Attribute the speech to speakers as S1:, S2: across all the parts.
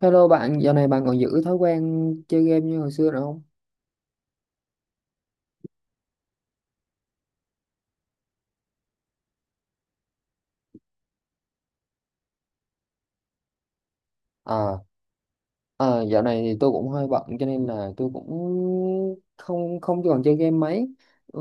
S1: Hello bạn, dạo này bạn còn giữ thói quen chơi game như hồi xưa nữa không? À, à, dạo này thì tôi cũng hơi bận cho nên là tôi cũng không không còn chơi game mấy. Ừ,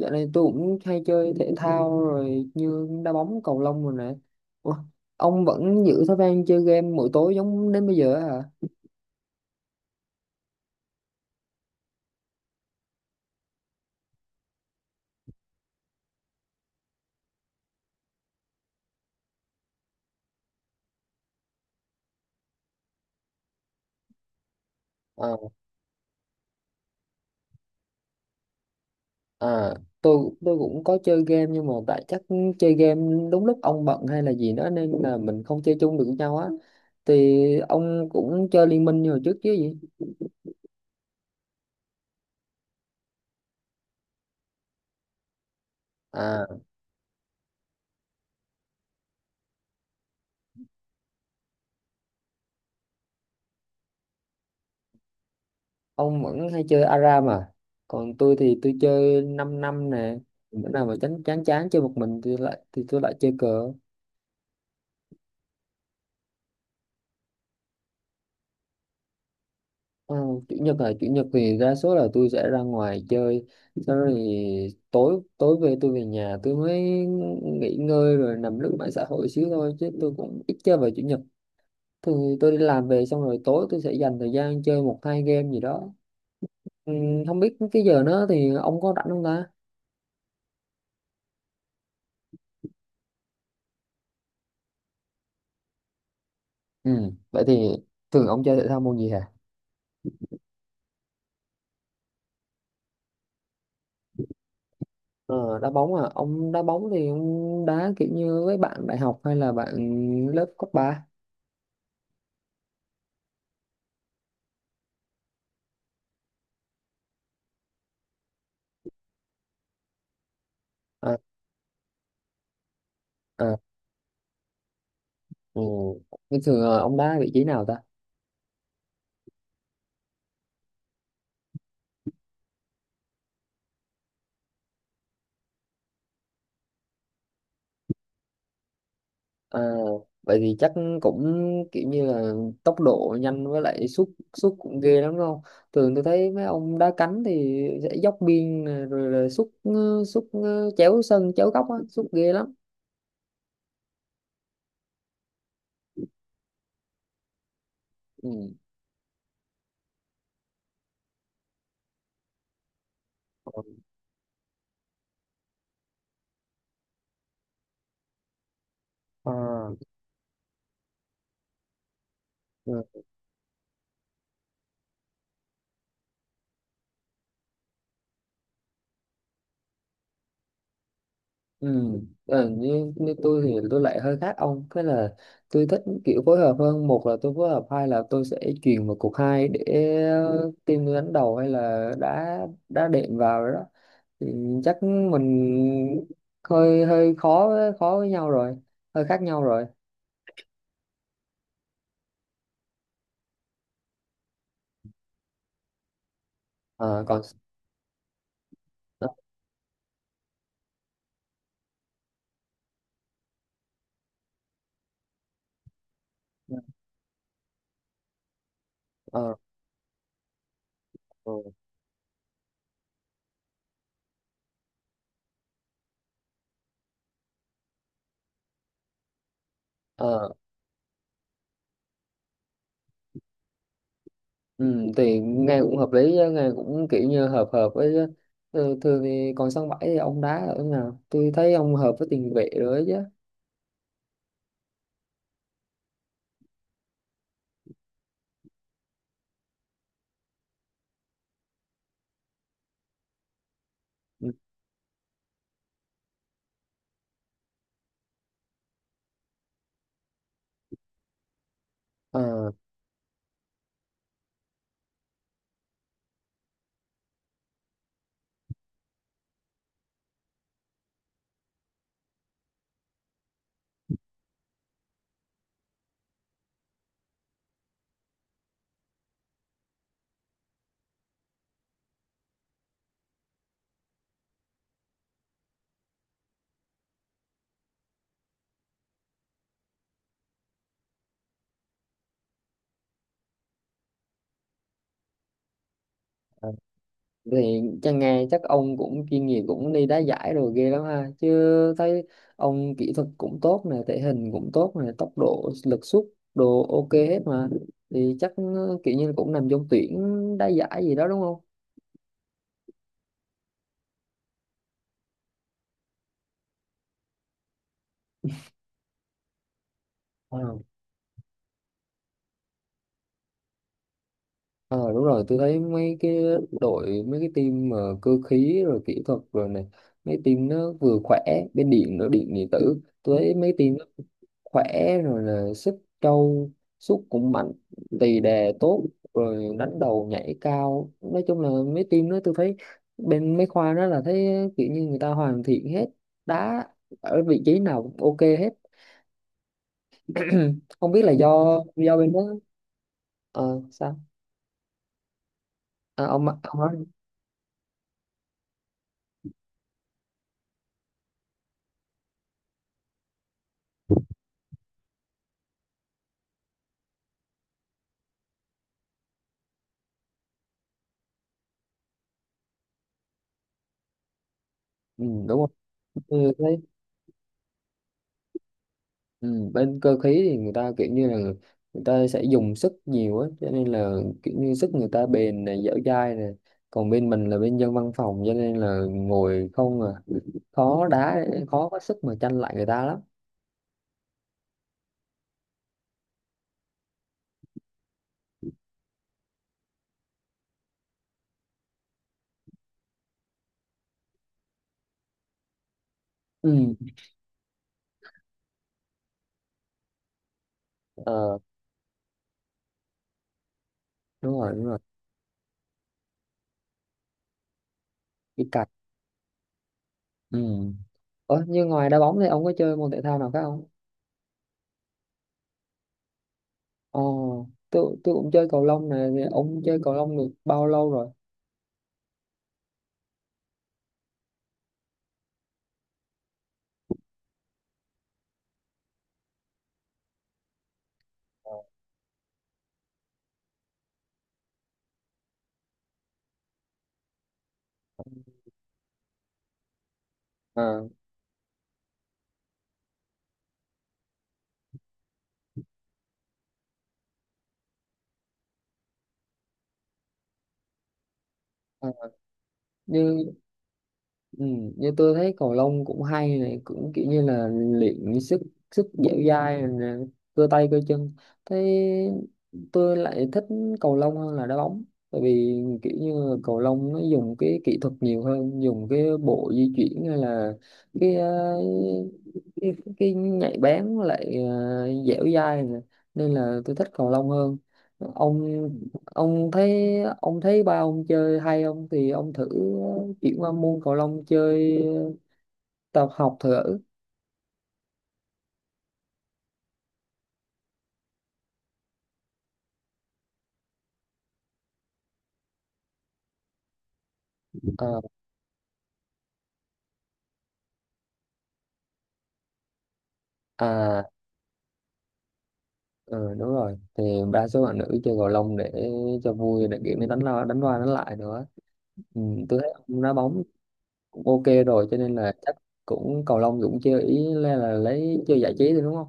S1: dạo này tôi cũng hay chơi thể thao rồi như đá bóng, cầu lông rồi nè. Ủa, ông vẫn giữ thói quen chơi game mỗi tối giống đến bây giờ á hả? À, à, tôi cũng có chơi game nhưng mà tại chắc chơi game đúng lúc ông bận hay là gì đó nên là mình không chơi chung được với nhau á. Thì ông cũng chơi liên minh như hồi trước chứ gì? À, ông vẫn hay chơi ARAM à? Còn tôi thì tôi chơi 5 năm năm nè. Bữa nào mà chán chán chán chơi một mình thì lại thì tôi lại chơi cờ. Ờ, chủ nhật là chủ nhật thì đa số là tôi sẽ ra ngoài chơi. Sau đó thì tối tối về tôi về nhà tôi mới nghỉ ngơi rồi nằm lướt mạng xã hội xíu thôi chứ tôi cũng ít chơi vào chủ nhật. Thường tôi đi làm về xong rồi tối tôi sẽ dành thời gian chơi một hai game gì đó. Ừ, không biết cái giờ nó thì ông có rảnh không ta? Ừ, vậy thì thường ông chơi thể thao môn gì hả? Ờ, đá bóng à, ông đá bóng thì ông đá kiểu như với bạn đại học hay là bạn lớp cấp ba? À, à, ừ. Bình thường là ông đá vị trí nào ta? À, vậy thì chắc cũng kiểu như là tốc độ nhanh với lại sút sút cũng ghê lắm đúng không? Thường tôi thấy mấy ông đá cánh thì sẽ dốc biên nè, rồi là sút sút chéo sân chéo góc á sút ghê lắm. Ừ. À, ừ. Ừ. Ờ, như, như tôi thì tôi lại hơi khác ông cái là tôi thích kiểu phối hợp hơn, một là tôi phối hợp, hai là tôi sẽ chuyền vào cục hai để team tôi đánh đầu hay là đá đá đệm vào rồi đó. Thì chắc mình hơi hơi khó với nhau rồi, hơi khác nhau rồi. Ờ, còn ờ, ờ, ờ, ừ, thì nghe cũng hợp lý chứ, nghe cũng kiểu như hợp hợp với chứ. Ừ, thường thì còn sân bãi thì ông đá ở nào? Tôi thấy ông hợp với tiền vệ rồi ấy chứ. Ừ. Ờ, ờ, thì chắc nghe chắc ông cũng chuyên nghiệp cũng đi đá giải rồi ghê lắm ha chứ, thấy ông kỹ thuật cũng tốt nè, thể hình cũng tốt nè, tốc độ, lực sút đồ ok hết mà. Thì chắc kiểu như cũng nằm trong tuyển đá giải gì đó đúng không? Ờ. Ờ, đúng rồi, tôi thấy mấy cái đội, mấy cái team mà cơ khí rồi kỹ thuật rồi này, mấy team nó vừa khỏe, bên điện nữa, điện điện tử, tôi thấy mấy team nó khỏe, rồi là sức trâu, sút cũng mạnh, tì đè tốt, rồi đánh đầu nhảy cao, nói chung là mấy team đó tôi thấy bên mấy khoa đó là thấy kiểu như người ta hoàn thiện hết, đá ở vị trí nào cũng ok hết. Không biết là do bên đó ờ sao. À, ông nói. Ừ, đúng rồi. Ừ, thấy. Ừ, bên cơ khí thì người ta kiểu như là người ta sẽ dùng sức nhiều á cho nên là kiểu như sức người ta bền này, dẻo dai này, còn bên mình là bên dân văn phòng cho nên là ngồi không à, khó đá, khó có sức mà tranh lại người ta lắm. Ừ. Ờ, đúng rồi đúng rồi. Cái cạch. Ừ. Ủa, như ngoài đá bóng thì ông có chơi môn thể thao nào khác không? Ồ, tôi cũng chơi cầu lông này, ông chơi cầu lông được bao lâu rồi? À, à. Như. Ừ, như tôi thấy cầu lông cũng hay này, cũng kiểu như là luyện sức, sức dẻo dai rồi cơ tay cơ chân. Thế tôi lại thích cầu lông hơn là đá bóng, tại vì kiểu như là cầu lông nó dùng cái kỹ thuật nhiều hơn, dùng cái bộ di chuyển hay là cái cái, cái nhạy bén với lại dẻo dai nè. Nên là tôi thích cầu lông hơn. Ông ông thấy, ông thấy ba ông chơi hay không thì ông thử chuyển qua môn cầu lông chơi, tập học thử. Ờ, à, ừ, đúng rồi, thì đa số bạn nữ chơi cầu lông để cho vui, để kiểu như đánh lao đánh qua đánh lại nữa. Ừ, tôi thấy ông đá bóng cũng ok rồi cho nên là chắc cũng cầu lông cũng chơi, ý là lấy chơi giải trí thôi đúng không?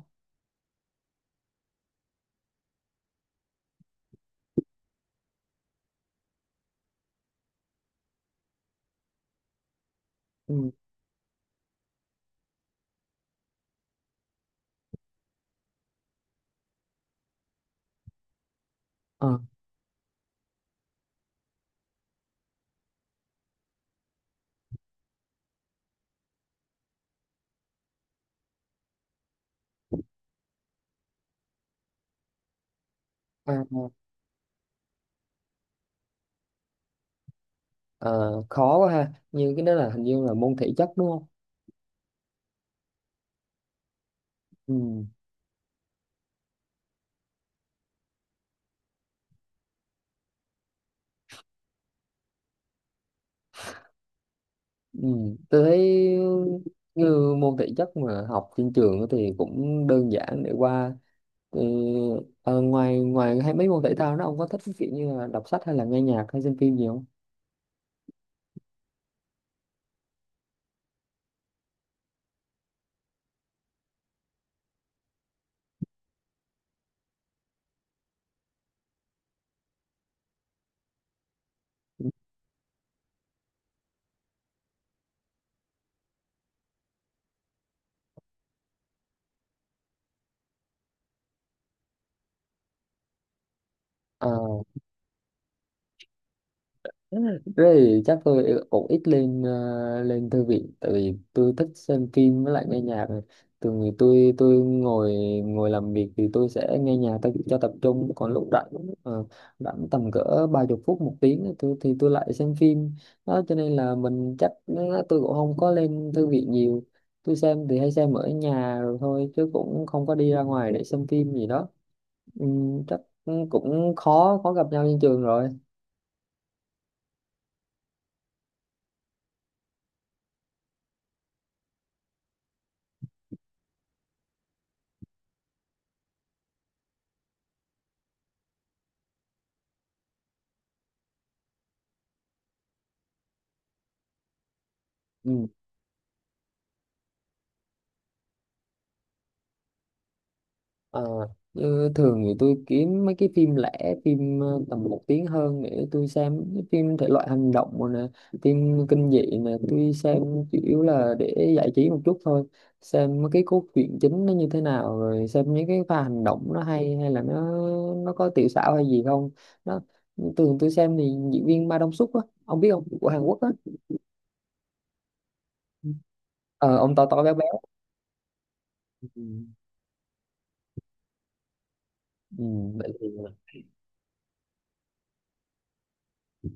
S1: Ừ. Ờ, à, ờ, khó quá ha, như cái đó là hình như là môn thể chất đúng không? Ừ. Ừ. Tôi thấy như môn thể chất mà học trên trường thì cũng đơn giản để qua. Ừ, ờ, ngoài ngoài hay mấy môn thể thao đó, ông có thích cái kiểu như là đọc sách hay là nghe nhạc hay xem phim gì không? Ờ. Thế thì chắc tôi cũng ít lên lên thư viện tại vì tôi thích xem phim với lại nghe nhạc. Thường thì tôi ngồi, ngồi làm việc thì tôi sẽ nghe nhạc tôi cho tập trung, còn lúc rảnh, ờ, rảnh tầm cỡ 30 phút một tiếng tôi, thì tôi lại xem phim đó, cho nên là mình chắc nó- tôi cũng không có lên thư viện nhiều. Tôi xem thì hay xem ở nhà rồi thôi chứ cũng không có đi ra ngoài để xem phim gì đó. Ừ, chắc cũng khó khó gặp nhau trên trường rồi. Ừ. Ờ, như thường thì tôi kiếm mấy cái phim lẻ, phim tầm một tiếng hơn để tôi xem. Cái phim thể loại hành động rồi nè, phim kinh dị nè, tôi xem chủ yếu là để giải trí một chút thôi, xem mấy cái cốt truyện chính nó như thế nào, rồi xem những cái pha hành động nó hay, hay là nó có tiểu xảo hay gì không. Đó, thường tôi xem thì diễn viên Ma Dong Suk á, ông biết không, của Hàn Quốc á. Ờ, ông to to béo béo. Ừ. Ừ, vậy thì.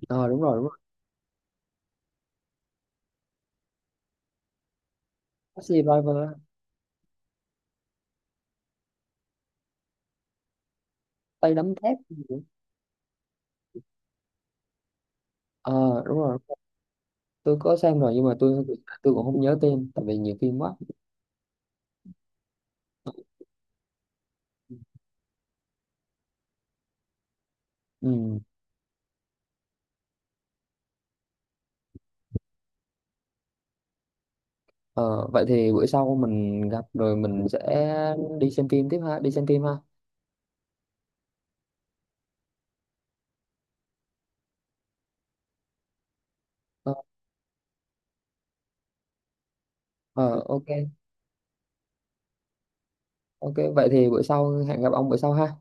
S1: Ờ đúng rồi đúng rồi. Taxi Driver á. Tay đấm thép. Ờ đúng rồi. Tôi có xem rồi nhưng mà tôi cũng không nhớ tên tại vì nhiều phim quá. Ừ. Ờ, vậy thì bữa sau mình gặp rồi mình sẽ đi xem phim tiếp ha, đi xem phim ha. Ờ, ờ, ok. Ok vậy thì bữa sau hẹn gặp ông bữa sau ha.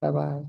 S1: Bye bye.